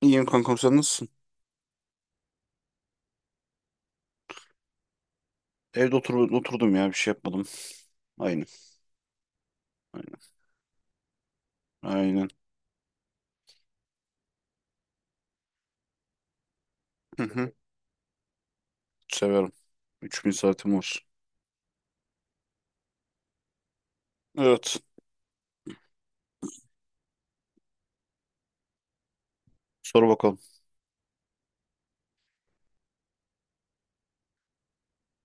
İyiyim kankam sen nasılsın? Evde oturdum ya bir şey yapmadım. Aynen. Aynen. Aynen. Hı hı. Severim. 3.000 saatim olsun. Evet. Sor bakalım.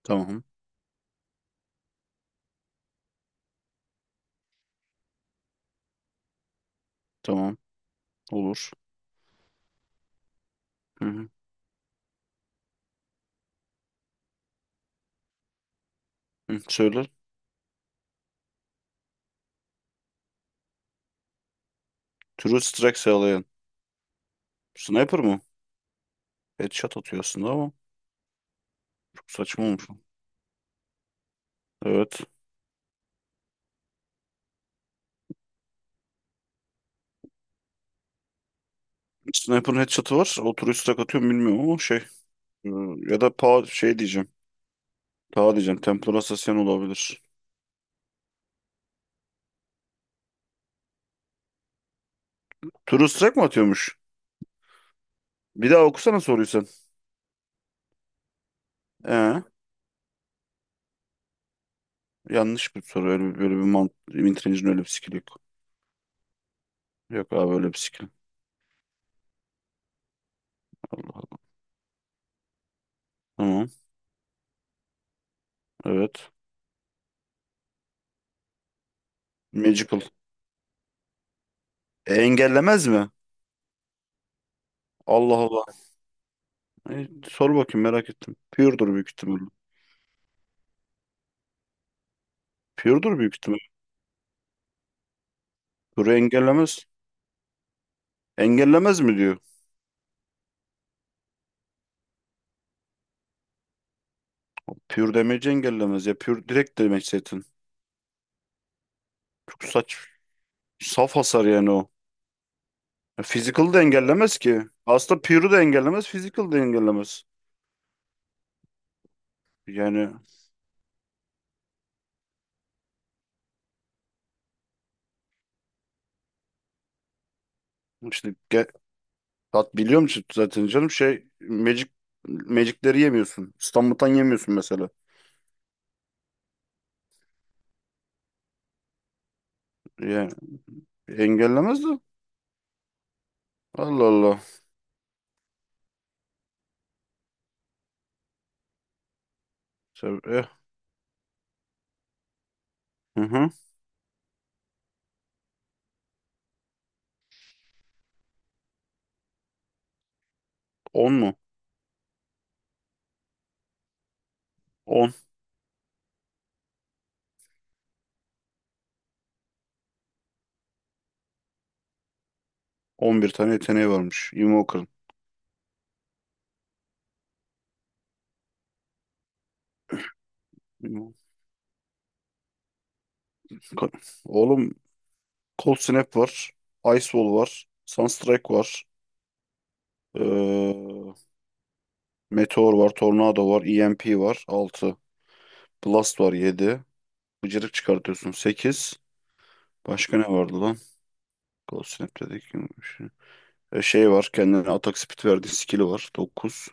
Tamam. Tamam. Olur. Hı hı. Hı, söyle. True Strike sağlayan. Sniper mı? Headshot atıyor aslında ama çok saçma olmuş o. Evet. Sniper'ın headshot'ı var. O True Strike atıyor mu bilmiyorum ama şey. e, Ya da şey diyeceğim. Ta diyeceğim. Templar Assassin olabilir. True Strike mi atıyormuş? Bir daha okusana soruyu sen. Ee? Yanlış bir soru. Öyle bir, böyle bir Wintrage'in öyle bir skill'i yok. Yok abi öyle bir skill. Allah Allah. Tamam. Evet. Magical. Engellemez mi? Allah Allah. Sor bakayım merak ettim. Pure'dur büyük ihtimalle. Pure'dur büyük ihtimalle. Pure engellemez. Engellemez mi diyor. Pure damage engellemez. Ya pure direkt damage zaten. Çok saç. Saf hasar yani o. Ya, physical da engellemez ki. Aslında pure'u da engellemez. Physical da engellemez. Yani işte tat biliyor musun zaten canım şey Magic'leri yemiyorsun. İstanbul'dan yemiyorsun mesela. Yani engellemez de. Allah Allah. Tabii. Hı hı. 10 mu? On. 11 tane yeteneği varmış Invoker'ın. Invoker. Oğlum Cold Snap var. Ice Wall var. Sunstrike var. Ee, Meteor var. Tornado var. EMP var. Altı. Blast var. Yedi. Bıcırık çıkartıyorsun. 8. Başka ne vardı lan? Cold Snap dedik. Şey var. Kendine atak speed verdiği skill'i var. Dokuz.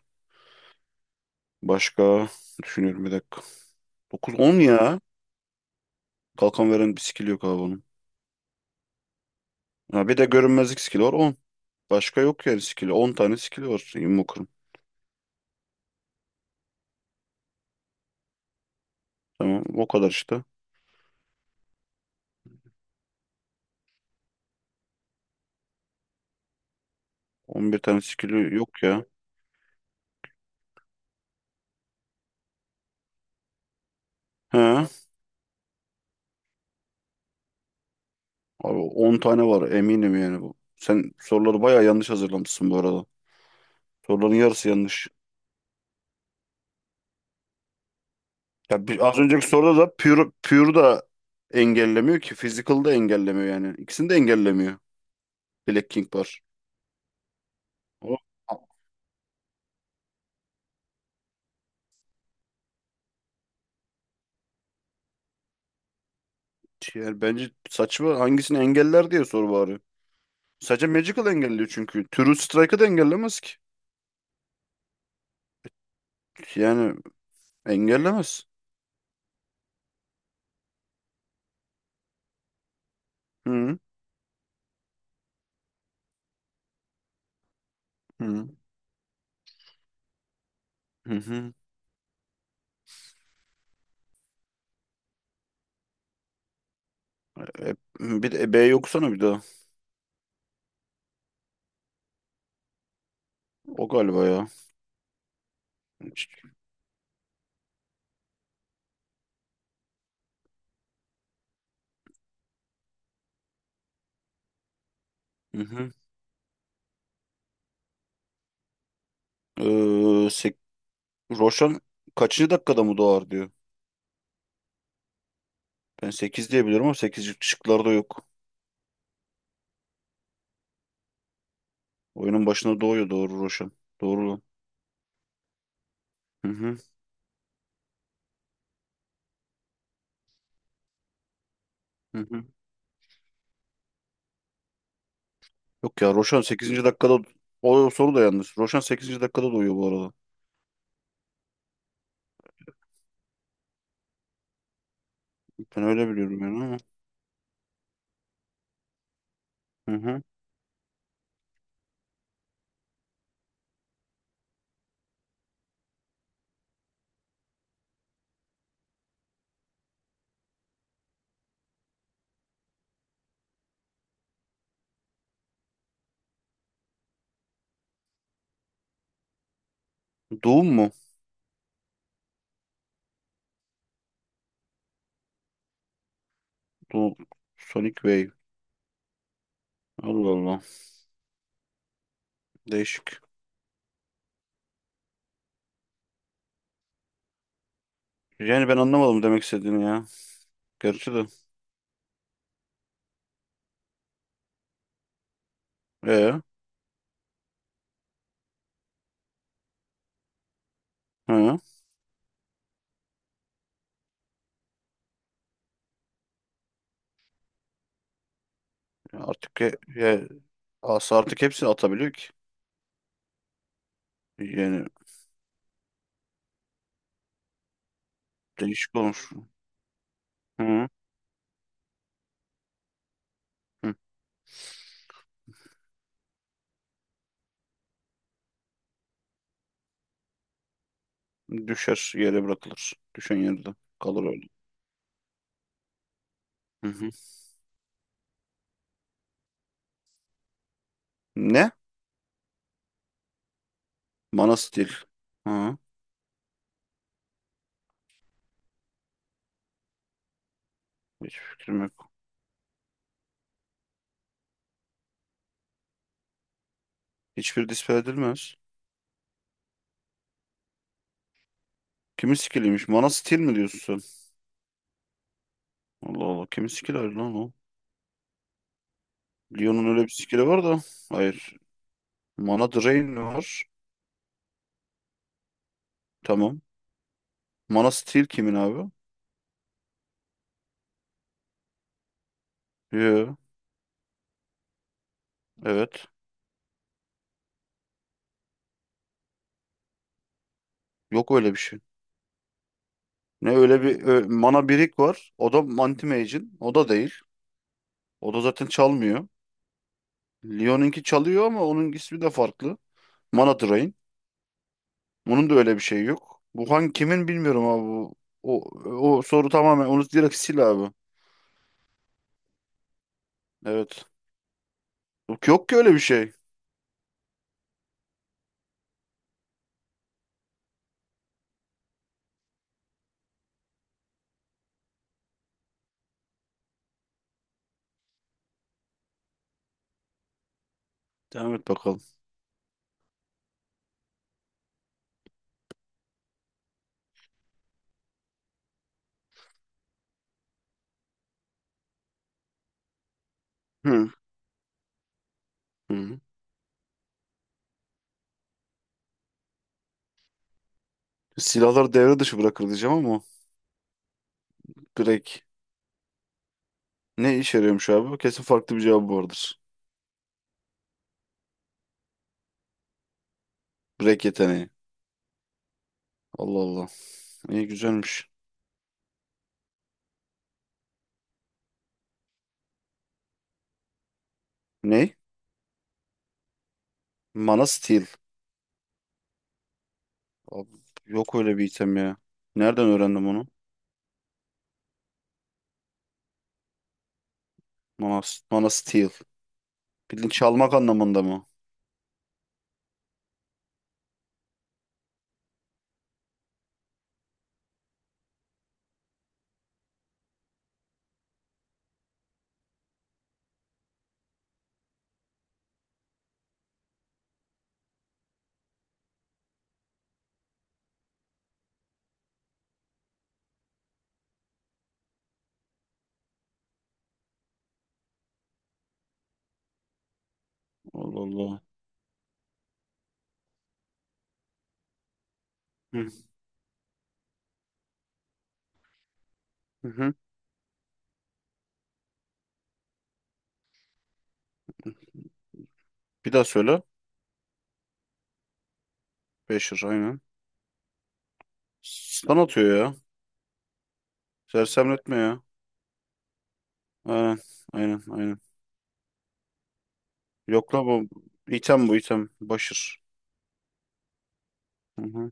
Başka düşünüyorum bir dakika. Dokuz, 10 ya. Kalkan veren bir skill yok abi onun. Ha, bir de görünmezlik skill'i var. 10. Başka yok yani skill'i. 10 tane skill'i var Invoker'ın. Tamam o kadar işte. 11 tane skill'i yok ya. He. Abi 10 tane var eminim yani bu. Sen soruları bayağı yanlış hazırlamışsın bu arada. Soruların yarısı yanlış. Ya bir, az önceki soruda da pure da engellemiyor ki. Physical da engellemiyor yani. İkisini de engellemiyor. Black King var. O yani bence saçma, hangisini engeller diye soru bari. Sadece Magical engelliyor çünkü. True Strike'ı da engellemez ki. Yani engellemez. Hı hı. Hı hı. Bir de B yoksana bir daha. O galiba ya. Hı hı. Ee, sek- Roshan kaçıncı dakikada mı doğar diyor. Ben 8 diyebilirim ama 8 şıklarda yok. Oyunun başında doğuyor doğru Roshan. Doğru lan. Hı hı. Hı hı. Yok ya, Roshan sekizinci dakikada, o soru da yanlış. Roshan sekizinci dakikada doğuyor bu arada. Ben öyle biliyorum yani ama. Hı hı. Doom mu? Doom. Sonic Wave. Allah Allah. Değişik. Yani ben anlamadım demek istediğini ya. Gerçi de. Ee, hı. Ya artık he, he, artık hepsini atabiliyor ki. Yani değişik olmuş. Hı hı. Düşer yere bırakılır. Düşen yerde kalır öyle. Hı hı. Ne? Mana Steel. Hı. Hiç fikrim yok. Hiçbir dispel edilmez. Kimin skilliymiş? Mana Steel mi diyorsun sen? Allah Allah. Kimin skilli lan o? Lyon'un öyle bir skill'i var da. Hayır. Mana Drain var. Tamam. Mana Steal kimin abi? Yo. Evet. Yok öyle bir şey. Ne öyle bir Mana Birik var. O da Anti-Mage'in. O da değil. O da zaten çalmıyor. Lyon'unki çalıyor ama onun ismi de farklı. Mana Drain. Bunun da öyle bir şey yok. Bu hangi kimin bilmiyorum abi bu. O, o soru tamamen onu direkt sil abi. Evet. Yok, yok ki öyle bir şey. Devam et bakalım. Hı. Hı. Silahlar devre dışı bırakır diyeceğim ama direkt. Ne işe yarıyormuş abi? Kesin farklı bir cevabı vardır. Break yeteneği. Allah Allah. İyi güzelmiş. Ne? Mana Steel. Abi, yok öyle bir item ya. Nereden öğrendim onu? Mana, Mana Steel. Bildiğin çalmak anlamında mı? Allah Allah. Hı hı. Hı. Bir daha söyle. Beşir aynen. Stun atıyor ya. Sersemletme ya. Aynen aynen. Aynen. Yok la bu. İtem bu item. Başır. Hı hı.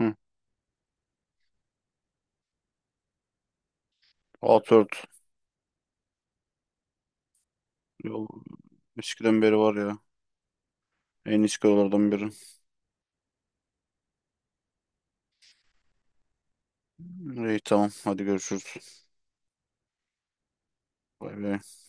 Hı. Outward. Yol- Eskiden beri var ya. En eski yollardan biri. İyi tamam. Hadi görüşürüz. Bay bay.